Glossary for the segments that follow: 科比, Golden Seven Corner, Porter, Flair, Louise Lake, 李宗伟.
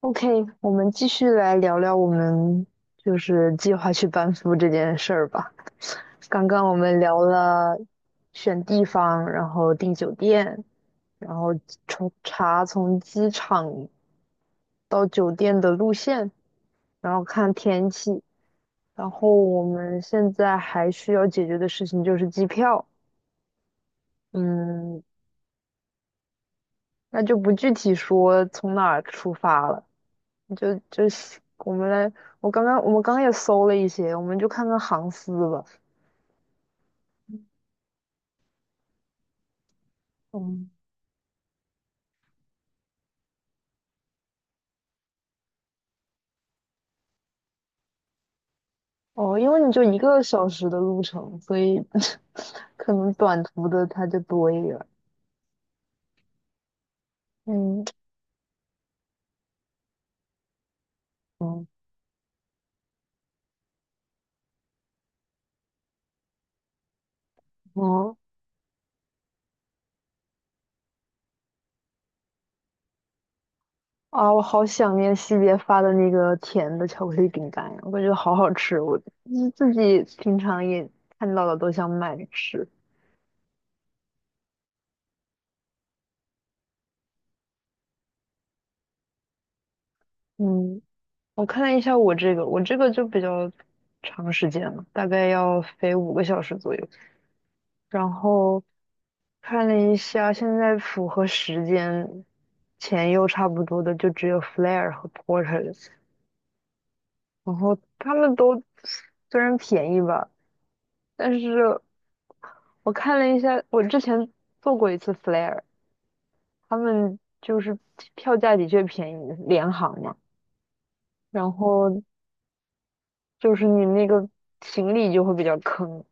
OK，我们继续来聊聊我们就是计划去班夫这件事儿吧。刚刚我们聊了选地方，然后订酒店，然后从机场到酒店的路线，然后看天气，然后我们现在还需要解决的事情就是机票。嗯，那就不具体说从哪儿出发了。就是我们来，我们刚刚也搜了一些，我们就看看航司吧。嗯，哦，因为你就1个小时的路程，所以 可能短途的它就多一点儿。嗯，嗯，哦啊，我好想念西别发的那个甜的巧克力饼干呀，我感觉好好吃，我就是自己平常也看到了都想买着吃。嗯，我看了一下我这个，我这个就比较长时间了，大概要飞5个小时左右。然后看了一下，现在符合时间、钱又差不多的，就只有 Flair 和 Porter，然后他们都虽然便宜吧，但是我看了一下，我之前做过一次 Flair，他们就是票价的确便宜，联航嘛，然后就是你那个行李就会比较坑，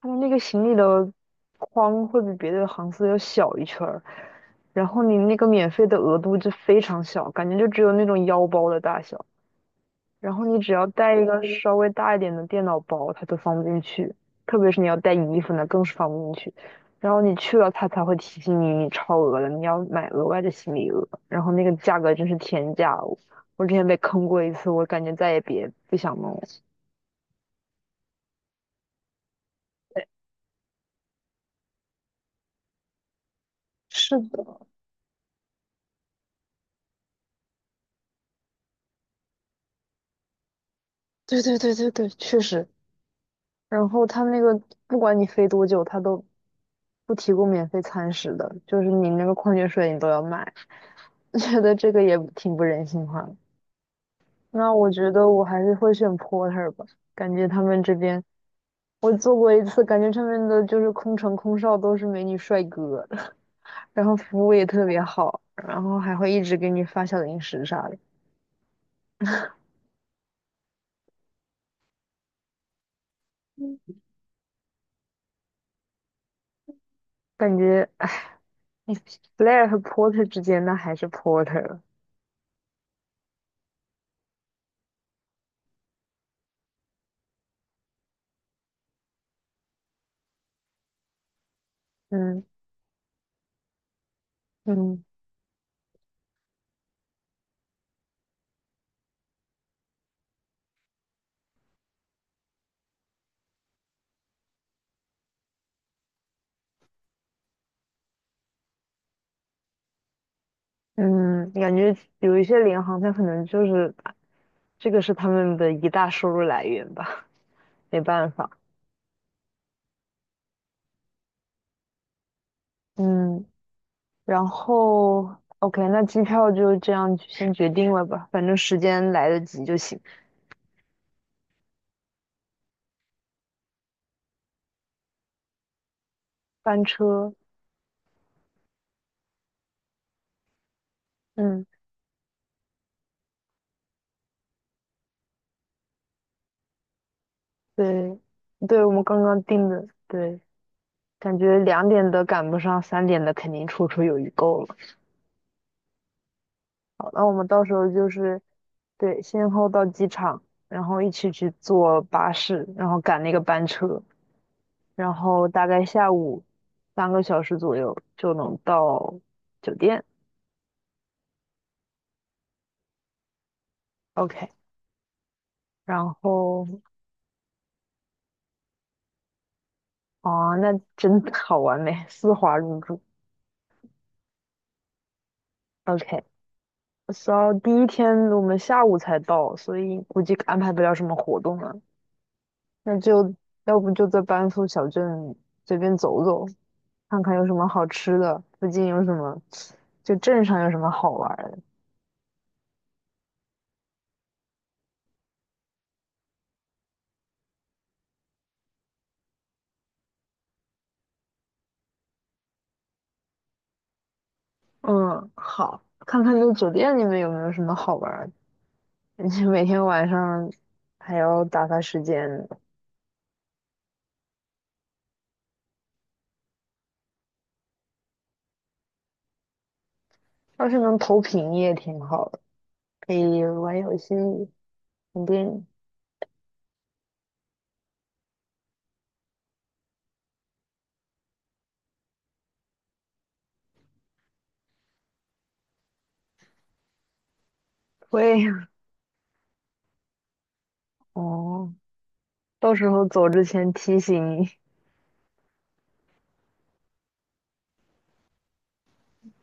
他们那个行李的框会比别的航司要小一圈儿，然后你那个免费的额度就非常小，感觉就只有那种腰包的大小。然后你只要带一个稍微大一点的电脑包，它都放不进去，特别是你要带衣服那更是放不进去。然后你去了，它才会提醒你你超额了，你要买额外的行李额。然后那个价格真是天价哦！我之前被坑过一次，我感觉再也别不想弄了。是的，对对对对对，确实，然后他们那个不管你飞多久，他都不提供免费餐食的，就是你那个矿泉水你都要买，觉得这个也挺不人性化的。那我觉得我还是会选 porter 吧，感觉他们这边我做过一次，感觉上面的就是空乘空少都是美女帅哥，然后服务也特别好，然后还会一直给你发小零食啥的，嗯感觉哎，Blair 和 porter 之间那还是 porter，嗯嗯。嗯，感觉有一些联行，它可能就是这个是他们的一大收入来源吧，没办法。嗯，然后 OK，那机票就这样先决定了吧，反正时间来得及就行。班车，嗯，对，对，我们刚刚订的，对，感觉2点的赶不上，3点的肯定绰绰有余够了。好，那我们到时候就是对，先后到机场，然后一起去坐巴士，然后赶那个班车。然后大概下午3个小时左右就能到酒店。OK，然后啊，那真的好完美，丝滑入住。OK，so 第一天我们下午才到，所以估计安排不了什么活动了。那就要不就在班夫小镇随便走走，看看有什么好吃的，附近有什么，就镇上有什么好玩儿的。嗯，好，看看这个酒店里面有没有什么好玩儿的。你每天晚上还要打发时间，要是能投屏也挺好的，可以玩游戏、肯定影。会 哦，到时候走之前提醒你，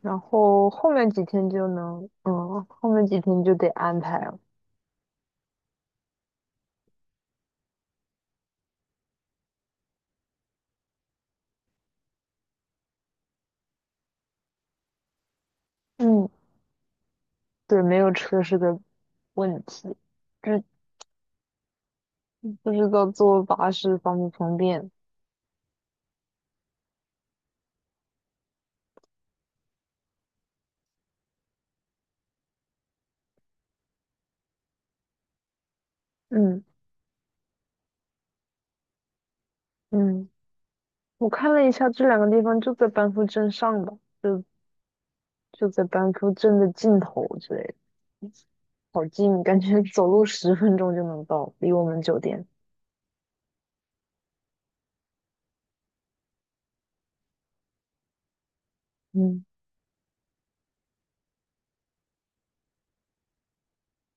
然后后面几天就能，嗯，后面几天就得安排了。嗯，对，没有车是个问题，这不知道坐巴士方不方便。嗯嗯，我看了一下，这两个地方就在班夫镇上吧。就就在班夫镇的尽头之类的，好近，感觉 走路10分钟就能到，离我们酒店。嗯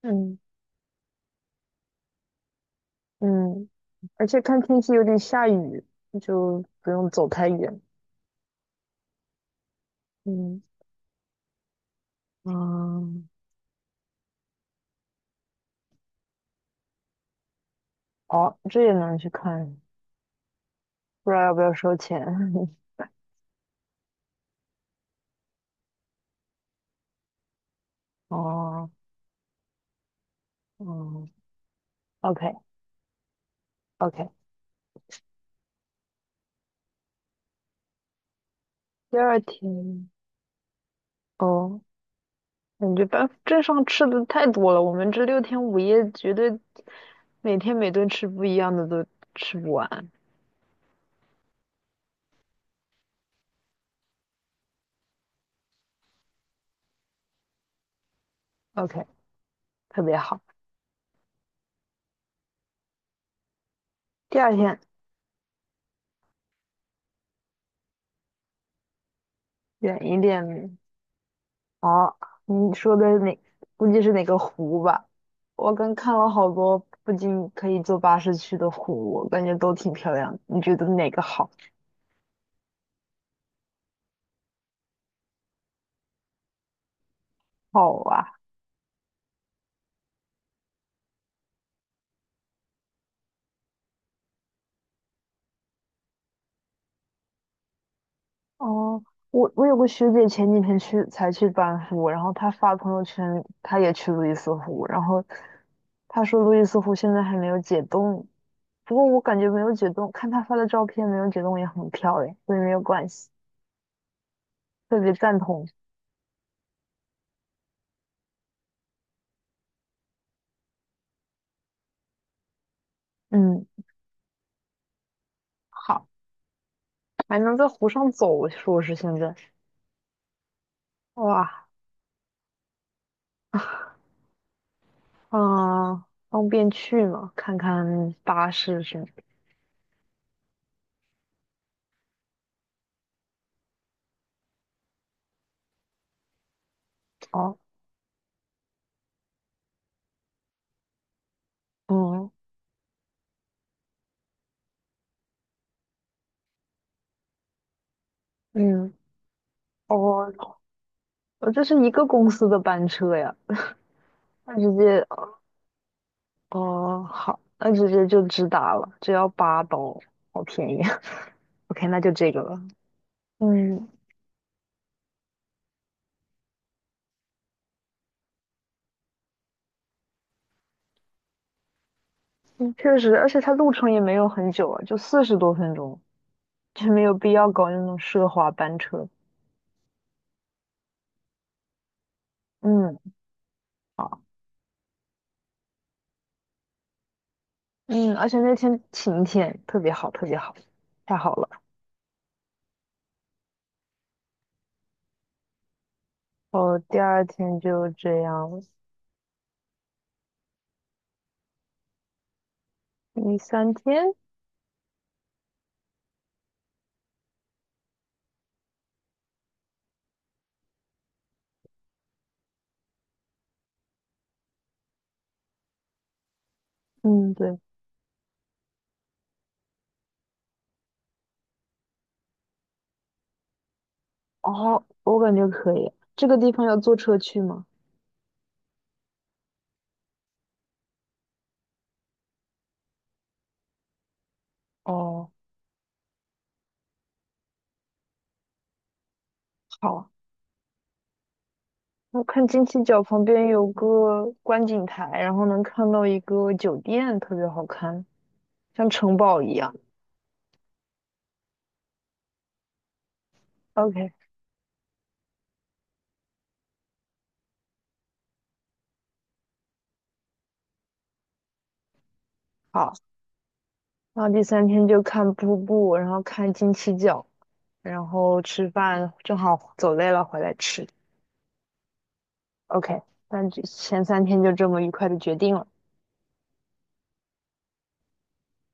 嗯嗯，而且看天气有点下雨，就不用走太远。嗯嗯，哦，这也能去看，不知道要不要收钱。哦，哦 o k OK。第二天，哦，感觉班夫镇上吃的太多了，我们这6天5夜绝对每天每顿吃不一样的都吃不完。OK，特别好。第二天远一点，哦，你说的哪？估计是哪个湖吧？我刚看了好多附近可以坐巴士去的湖，我感觉都挺漂亮的你觉得哪个好？好啊！哦，我有个学姐前几天才去班夫，然后她发朋友圈，她也去路易斯湖，然后她说路易斯湖现在还没有解冻，不过我感觉没有解冻，看她发的照片没有解冻也很漂亮，所以没有关系，特别赞同。嗯。好，还能在湖上走，说是现在，哇，啊，方便去吗？看看巴士是哦，嗯嗯，哦，呃这是一个公司的班车呀，那直接哦，好，那直接就直达了，只要8刀，好便宜。OK，那就这个了。嗯，嗯确实，而且它路程也没有很久啊，就40多分钟，就没有必要搞那种奢华班车。嗯。好。嗯，而且那天晴天，特别好，特别好，太好了。哦，第二天就这样，第三天，嗯，对，哦，我感觉可以。这个地方要坐车去吗？哦，好。我看金七角旁边有个观景台，然后能看到一个酒店，特别好看，像城堡一样。OK，好。然后第三天就看瀑布，然后看金七角，然后吃饭，正好走累了回来吃。OK，那就前三天就这么愉快的决定了。